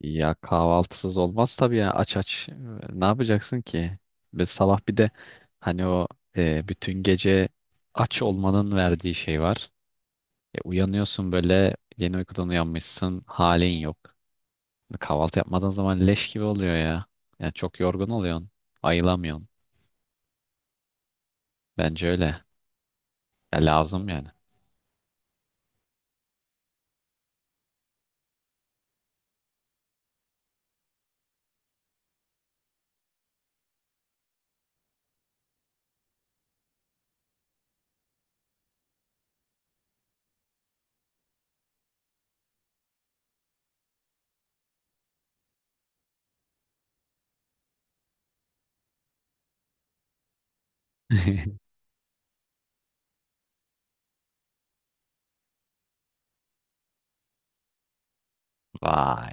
Ya kahvaltısız olmaz tabii ya aç aç. Ne yapacaksın ki? Ve sabah bir de hani o bütün gece aç olmanın verdiği şey var. Uyanıyorsun böyle, yeni uykudan uyanmışsın, halin yok. Kahvaltı yapmadığın zaman leş gibi oluyor ya. Yani çok yorgun oluyorsun. Ayılamıyorsun. Bence öyle. Ya lazım yani. Vay.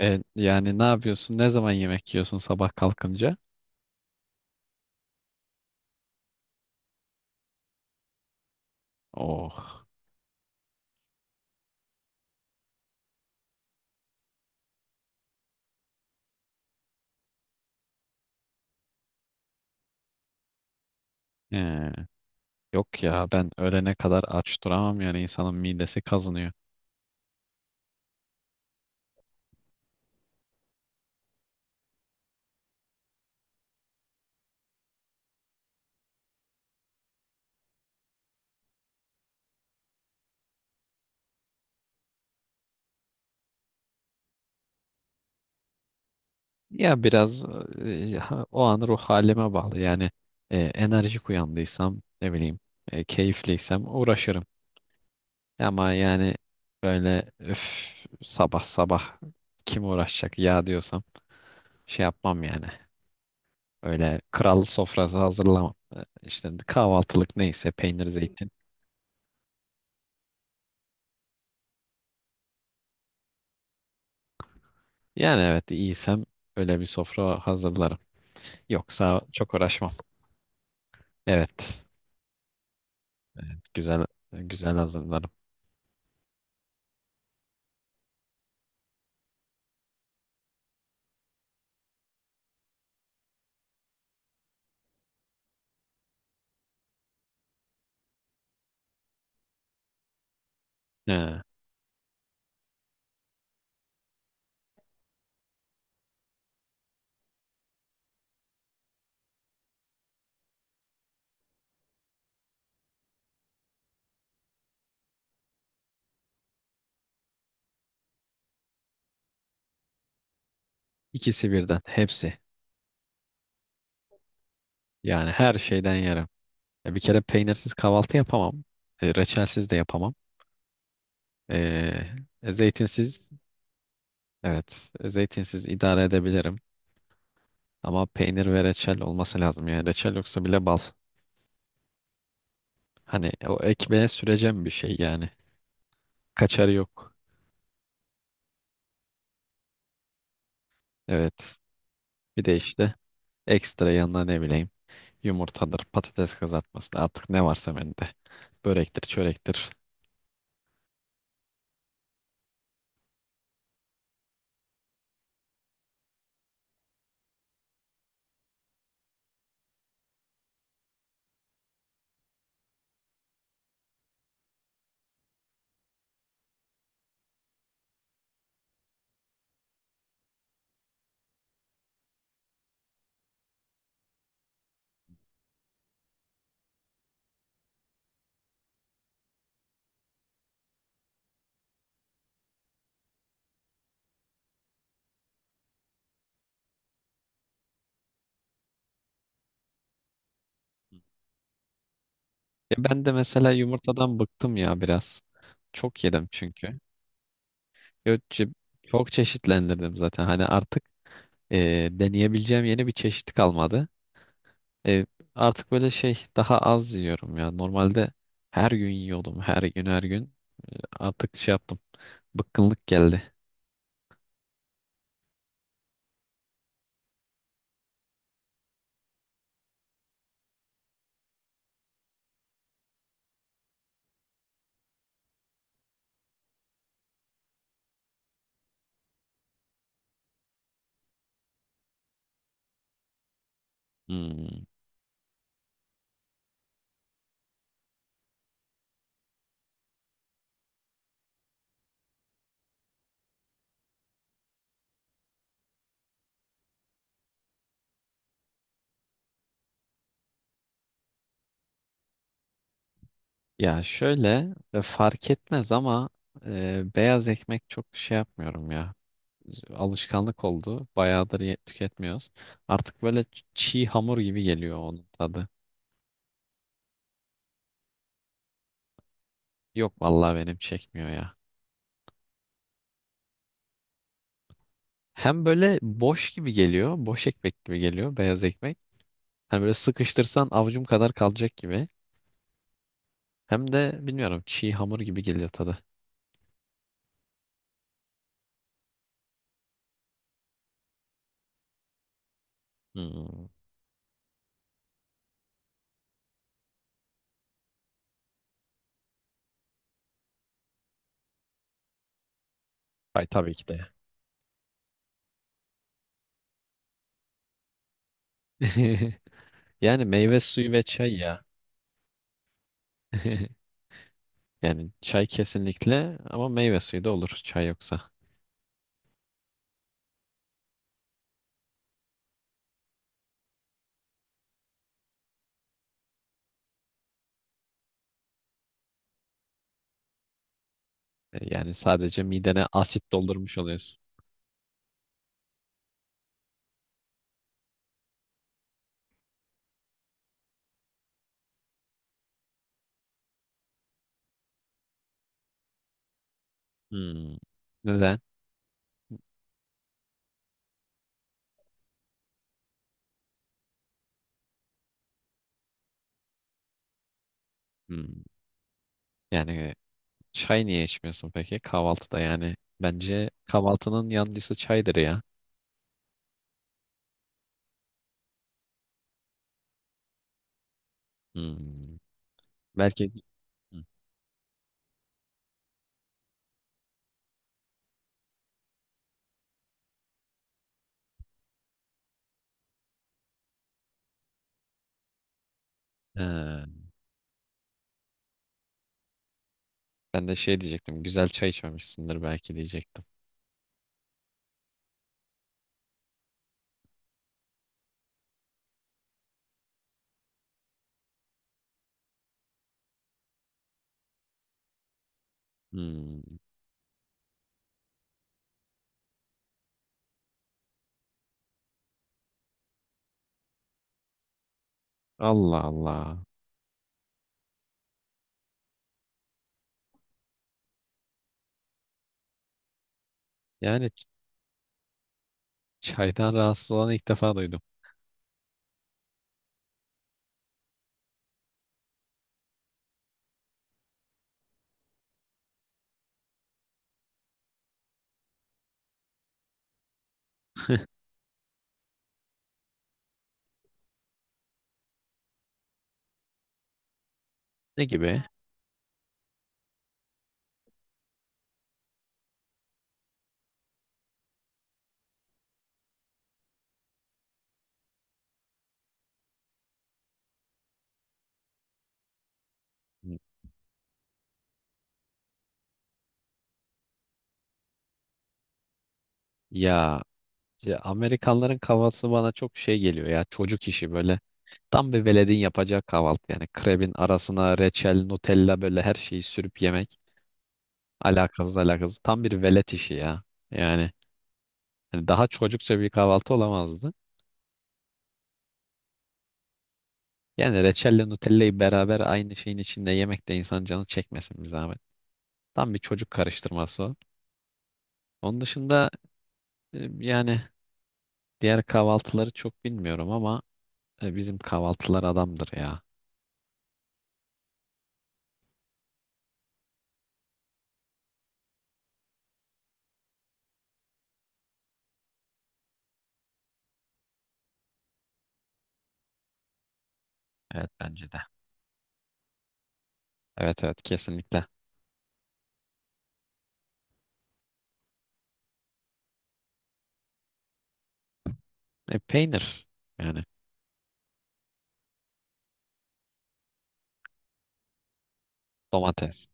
Yani ne yapıyorsun? Ne zaman yemek yiyorsun sabah kalkınca? Oh. He. Yok ya, ben öğlene kadar aç duramam, yani insanın midesi kazınıyor. Ya biraz o an ruh halime bağlı. Yani enerjik uyandıysam, ne bileyim, keyifliysem uğraşırım. Ama yani böyle öf, sabah sabah kim uğraşacak ya diyorsam şey yapmam yani. Öyle kral sofrası hazırlamam. İşte kahvaltılık neyse, peynir zeytin. Yani evet, iyiysem öyle bir sofra hazırlarım. Yoksa çok uğraşmam. Evet, güzel güzel hazırlarım. He, ikisi birden, hepsi. Yani her şeyden yerim. Ya bir kere peynirsiz kahvaltı yapamam. Reçelsiz de yapamam. E, zeytinsiz, evet, zeytinsiz idare edebilirim. Ama peynir ve reçel olması lazım. Yani reçel yoksa bile bal. Hani o ekmeğe süreceğim bir şey yani. Kaçarı yok. Evet. Bir de işte ekstra yanına ne bileyim, yumurtadır, patates kızartması artık ne varsa bende. Börektir, çörektir. Ya ben de mesela yumurtadan bıktım ya biraz. Çok yedim çünkü. Gökçe, çok çeşitlendirdim zaten. Hani artık deneyebileceğim yeni bir çeşit kalmadı. E, Artık böyle şey, daha az yiyorum ya. Normalde her gün yiyordum. Her gün her gün. Artık şey yaptım, bıkkınlık geldi. Hmm. Ya şöyle, fark etmez ama beyaz ekmek çok şey yapmıyorum ya. Alışkanlık oldu. Bayağıdır tüketmiyoruz. Artık böyle çiğ hamur gibi geliyor onun tadı. Yok vallahi benim çekmiyor ya. Hem böyle boş gibi geliyor. Boş ekmek gibi geliyor beyaz ekmek. Hani böyle sıkıştırsan avucum kadar kalacak gibi. Hem de bilmiyorum, çiğ hamur gibi geliyor tadı. Hmm. Ay, tabii ki de. Yani meyve suyu ve çay ya. Yani çay kesinlikle, ama meyve suyu da olur çay yoksa. Yani sadece midene asit doldurmuş oluyorsun. Hmm. Neden? Hmm. Yani çay niye içmiyorsun peki kahvaltıda yani? Bence kahvaltının yancısı çaydır ya. Hmm. Belki. Hı. He. Ben de şey diyecektim. Güzel çay içmemişsindir belki diyecektim. Hmm. Allah Allah. Yani çaydan rahatsız olanı ilk defa duydum. Ne gibi? Hı. Ya, ya Amerikanların kahvaltısı bana çok şey geliyor ya. Çocuk işi böyle. Tam bir veledin yapacağı kahvaltı yani. Krebin arasına reçel, Nutella, böyle her şeyi sürüp yemek. Alakasız alakasız. Tam bir velet işi ya. Yani hani daha çocukça bir kahvaltı olamazdı. Yani reçelle Nutella'yı beraber aynı şeyin içinde yemek de, insan canı çekmesin bir zahmet. Tam bir çocuk karıştırması o. Onun dışında yani diğer kahvaltıları çok bilmiyorum, ama bizim kahvaltılar adamdır ya. Evet, bence de. Evet evet, kesinlikle. Peynir yani, domates.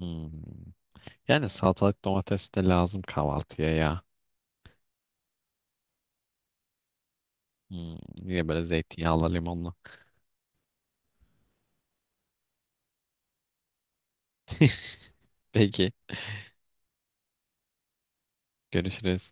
Hmm. Yani salatalık, domates de lazım kahvaltıya ya. Hmm. Niye, böyle zeytinyağlı limonlu. Peki, görüşürüz.